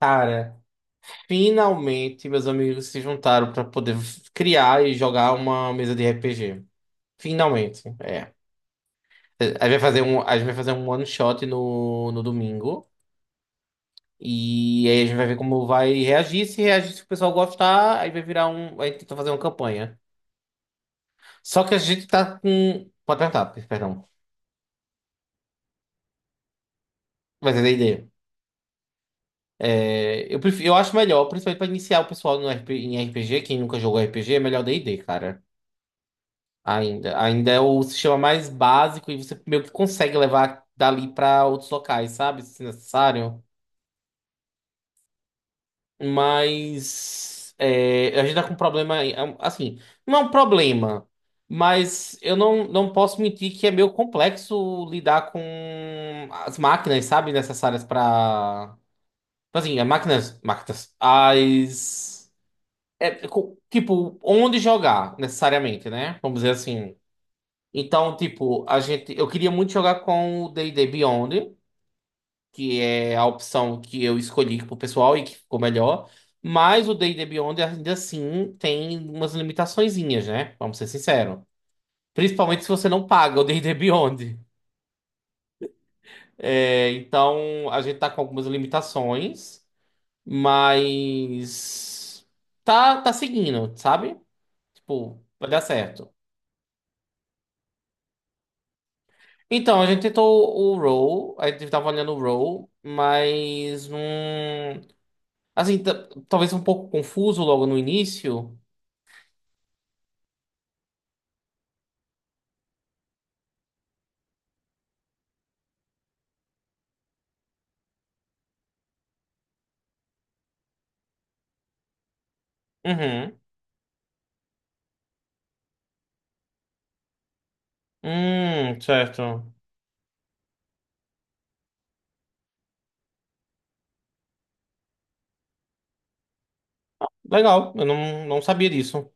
Cara, finalmente meus amigos se juntaram pra poder criar e jogar uma mesa de RPG. Finalmente, é. A a gente vai fazer um one shot no domingo. E aí a gente vai ver como vai reagir. Se reagir, se o pessoal gostar, aí vai virar um. Aí tenta fazer uma campanha. Só que a gente tá com. Pode perguntar, perdão. Mas é da ideia. É, eu acho melhor, principalmente pra iniciar o pessoal no RP, em RPG, quem nunca jogou RPG, é melhor D&D, cara. Ainda. Ainda é o sistema mais básico e você meio que consegue levar dali para outros locais, sabe? Se necessário. Mas é, a gente tá com um problema. Aí, é um- assim, não é um problema, mas eu não posso mentir que é meio complexo lidar com as máquinas, sabe? Necessárias para assim, as máquinas. Máquinas. As. Tipo, onde jogar, necessariamente, né? Vamos dizer assim. Então, tipo, eu queria muito jogar com o D&D Beyond, que é a opção que eu escolhi pro pessoal e que ficou melhor. Mas o D&D Beyond ainda assim tem umas limitaçõezinhas, né? Vamos ser sinceros. Principalmente se você não paga o D&D Beyond. É, então, a gente tá com algumas limitações, mas tá seguindo, sabe? Tipo, vai dar certo. Então, a gente tava olhando o Roll, mas não. Assim, talvez um pouco confuso logo no início. Uhum. Certo. Legal, eu não sabia disso.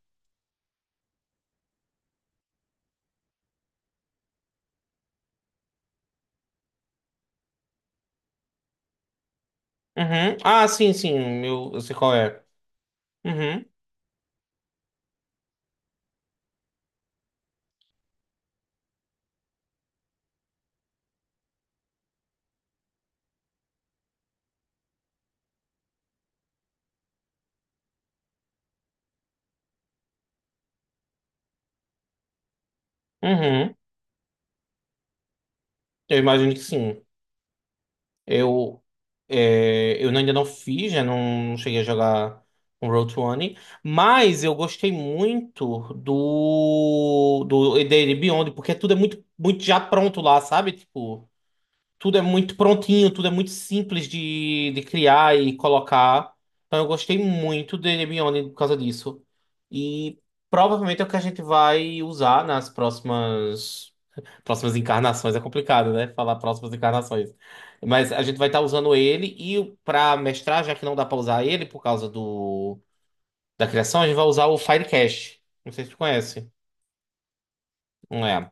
Uhum. Ah, sim, sim, eu sei qual é. Uhum, uhum. Eu imagino que sim. Eu, eu ainda não fiz, já não cheguei a jogar um Road to One, mas eu gostei muito do dele Beyond, porque tudo é muito, muito já pronto lá, sabe? Tipo. Tudo é muito prontinho, tudo é muito simples de criar e colocar. Então eu gostei muito dele Beyond por causa disso. E provavelmente é o que a gente vai usar nas próximas encarnações. É complicado, né? Falar próximas encarnações. Mas a gente vai estar usando ele e para mestrar, já que não dá para usar ele por causa do da criação, a gente vai usar o Firecast. Não sei se tu conhece. Não é.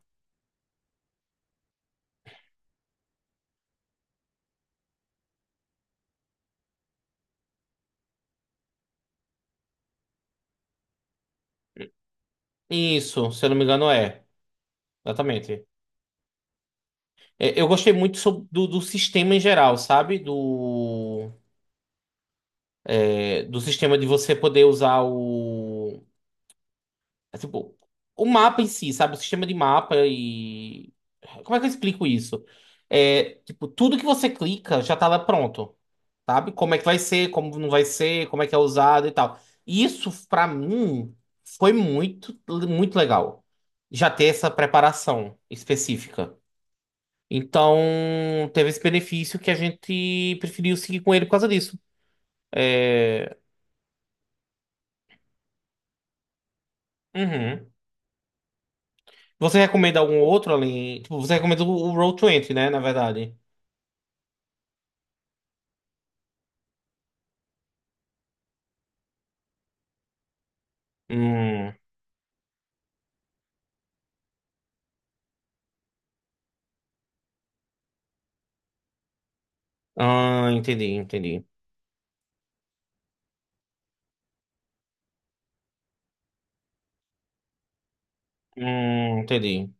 Isso, se eu não me engano, é. Exatamente. É, eu gostei muito do sistema em geral, sabe? Do sistema de você poder usar o. É, tipo, o mapa em si, sabe? O sistema de mapa e. Como é que eu explico isso? É, tipo, tudo que você clica já tá lá pronto, sabe? Como é que vai ser, como não vai ser, como é que é usado e tal. Isso, pra mim, foi muito, muito legal. Já ter essa preparação específica. Então, teve esse benefício que a gente preferiu seguir com ele por causa disso. É. Uhum. Você recomenda algum outro além? Tipo, você recomenda o Roll 20, né? Na verdade. Hum. Ah, entendi, entendi. Entendi.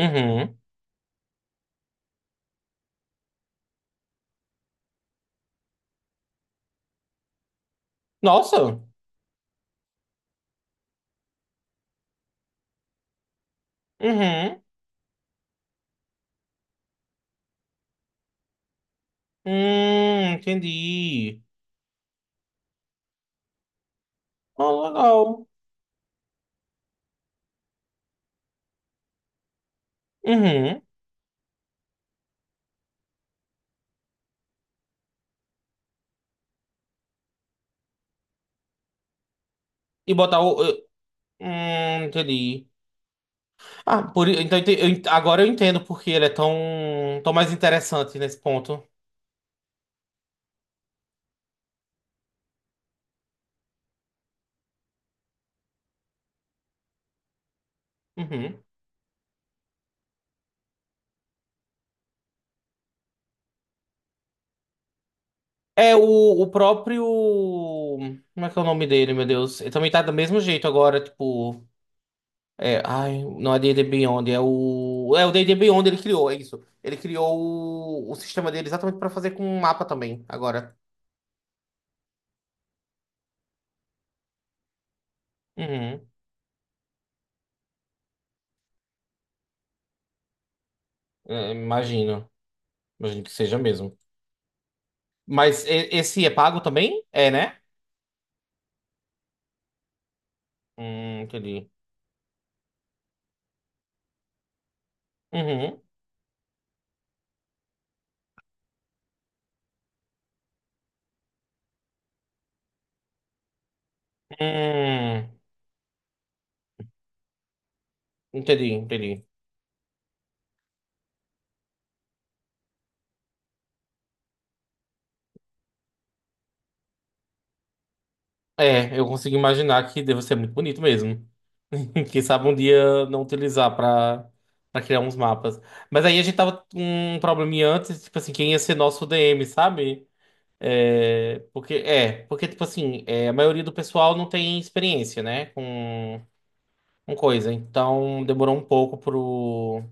Uhum. Nossa! Uhum. Entendi. Ah, legal. Uhum. E botar o. Entendi. Ah, por, i- então, ente- eu, ent- Agora eu entendo porque ele é tão, tão mais interessante nesse ponto. Uhum. É, o próprio. Como é que é o nome dele, meu Deus? Ele também tá do mesmo jeito agora, tipo. É, ai, não é D&D Beyond, é o. É o D&D Beyond, ele criou, é isso. Ele criou o sistema dele exatamente pra fazer com um mapa também, agora. Uhum. É, imagino. Imagino que seja mesmo. Mas esse é pago também? É, né? Entendi. Uhum. Hum, entendi, entendi. É, eu consigo imaginar que deve ser muito bonito mesmo. Quem sabe um dia não utilizar para criar uns mapas. Mas aí a gente tava com um probleminha antes, tipo assim, quem ia ser nosso DM, sabe? Tipo assim, é, a maioria do pessoal não tem experiência, né, com, coisa. Então demorou um pouco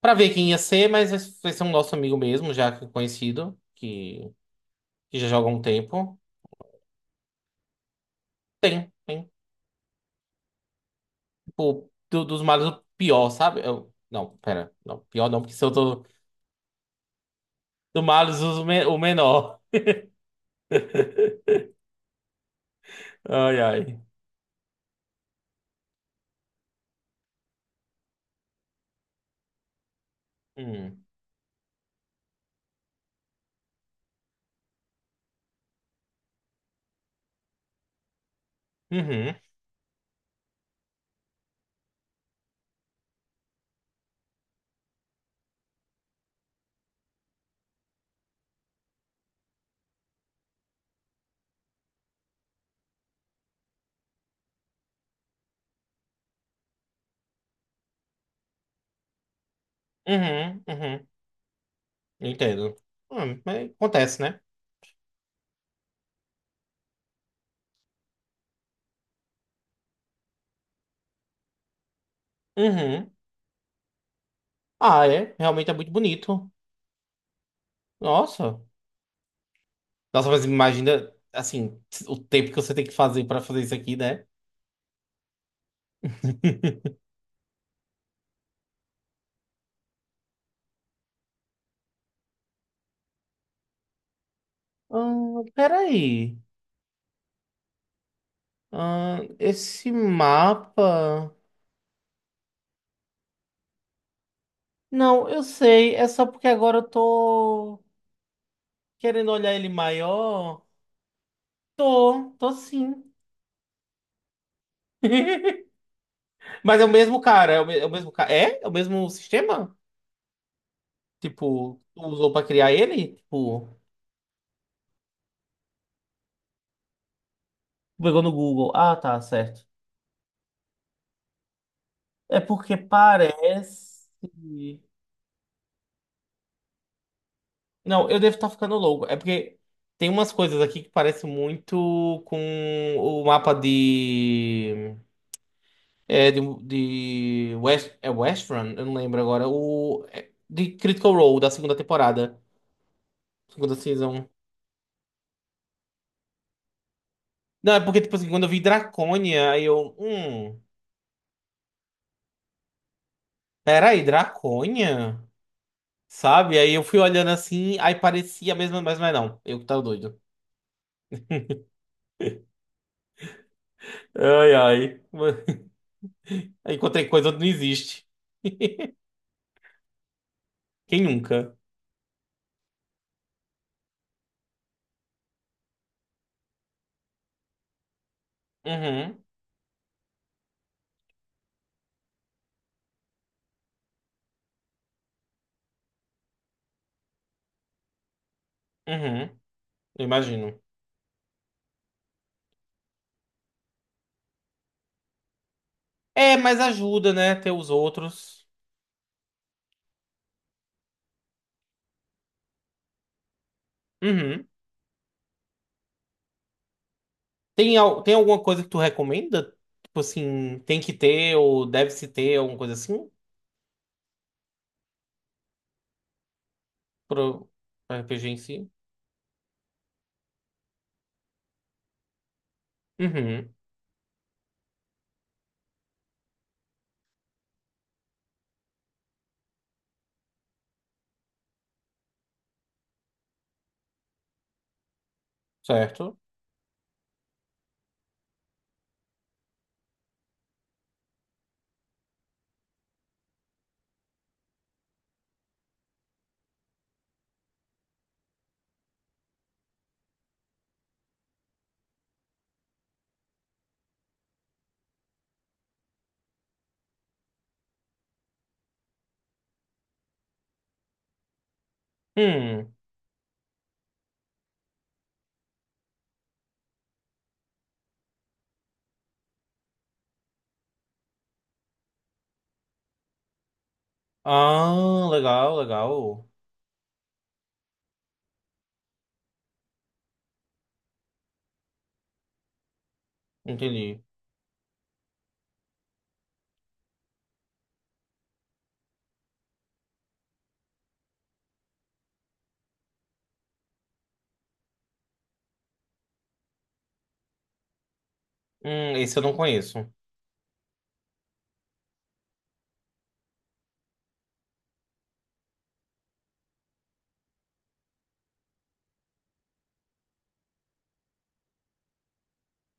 pra ver quem ia ser, mas vai ser um nosso amigo mesmo, já que é conhecido, que já joga há um tempo. Tem, tem. Tipo, dos males, o pior, sabe? Não, pera, não, pior não, porque se eu tô. Do males o o menor. Ai, ai. Hum. Uhum. Uhum. Uhum. Entendo. Mas acontece, né? Uhum. Ah, é. Realmente é muito bonito. Nossa. Nossa, mas imagina, assim, o tempo que você tem que fazer pra fazer isso aqui, né? Peraí. Esse mapa. Não, eu sei. É só porque agora eu tô querendo olhar ele maior. Tô, tô sim. Mas é o mesmo cara, é o mesmo cara. É? É o mesmo sistema? Tipo, tu usou pra criar ele? Tipo, tu pegou no Google. Ah, tá, certo. É porque parece. Não, eu devo estar ficando louco. É porque tem umas coisas aqui que parecem muito com o mapa de. É, de West, é West Run? Eu não lembro agora. O, é, de Critical Role, da segunda temporada. Segunda season. Não, é porque, tipo assim, quando eu vi Draconia, aí eu. Hum. Peraí, Draconha? Sabe? Aí eu fui olhando assim, aí parecia a mesma, mas não. Eu que tava doido. Ai, ai. Aí encontrei coisa onde não existe. Quem nunca? Uhum, uhum. Eu imagino. É, mas ajuda, né? Ter os outros. Uhum. Tem alguma coisa que tu recomenda? Tipo assim, tem que ter ou deve-se ter alguma coisa assim? Pro RPG em si? Uhum, certo. Hum. Ah, legal, legal. Entendi. Esse eu não conheço.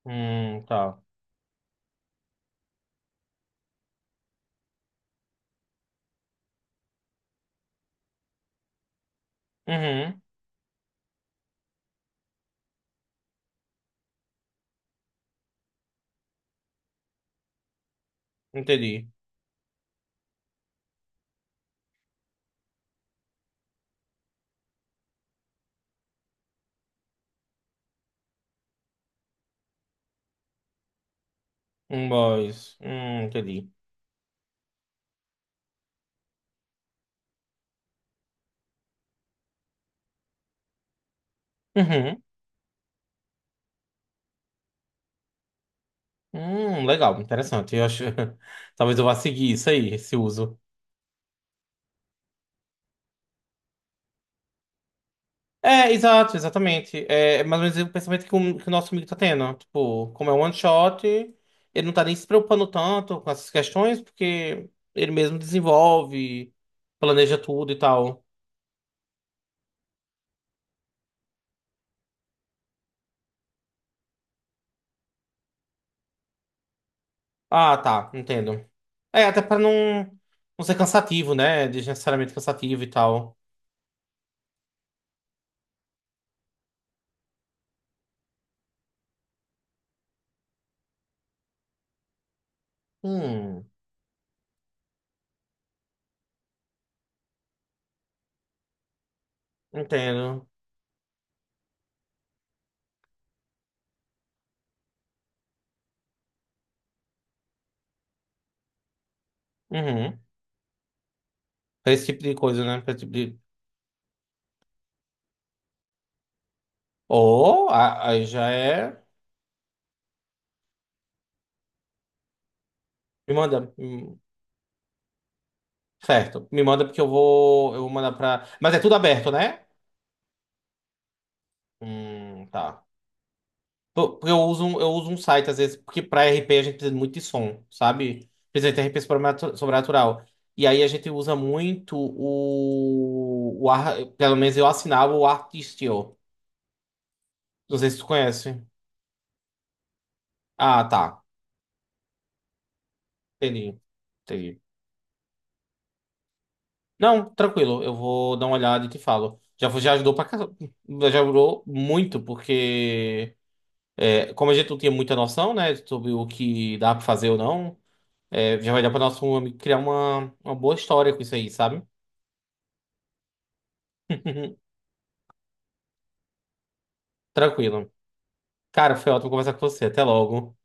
Tá. Uhum, entendi. Um boys. Entendi. Uhum. Legal, interessante. Eu acho. Talvez eu vá seguir isso aí, esse uso. É, exato, exatamente. É mais ou menos o pensamento que o nosso amigo tá tendo, né? Tipo, como é um one shot, ele não tá nem se preocupando tanto com essas questões, porque ele mesmo desenvolve, planeja tudo e tal. Ah, tá, entendo. É, até pra não ser cansativo, né? Desnecessariamente cansativo e tal. Hum, entendo. Uhum. Pra esse tipo de coisa, né? Pra esse tipo de. Ou, aí já é. Me manda. Certo. Me manda porque eu vou. Eu vou mandar pra. Mas é tudo aberto, né? Tá. Porque eu uso, eu uso um site, às vezes, porque pra RP a gente precisa muito de som, sabe? Precisa de RP sobrenatural. E aí a gente usa muito. Pelo menos eu assinava o Artistio. Não sei se tu conhece. Ah, tá. Entendi. Entendi. Não, tranquilo, eu vou dar uma olhada e te falo. Já já ajudou pra casa, já ajudou muito, porque é, como a gente não tinha muita noção, né, sobre o que dá pra fazer ou não, é, já vai dar pra nosso amigo criar uma boa história com isso aí, sabe? Tranquilo. Cara, foi ótimo conversar com você. Até logo.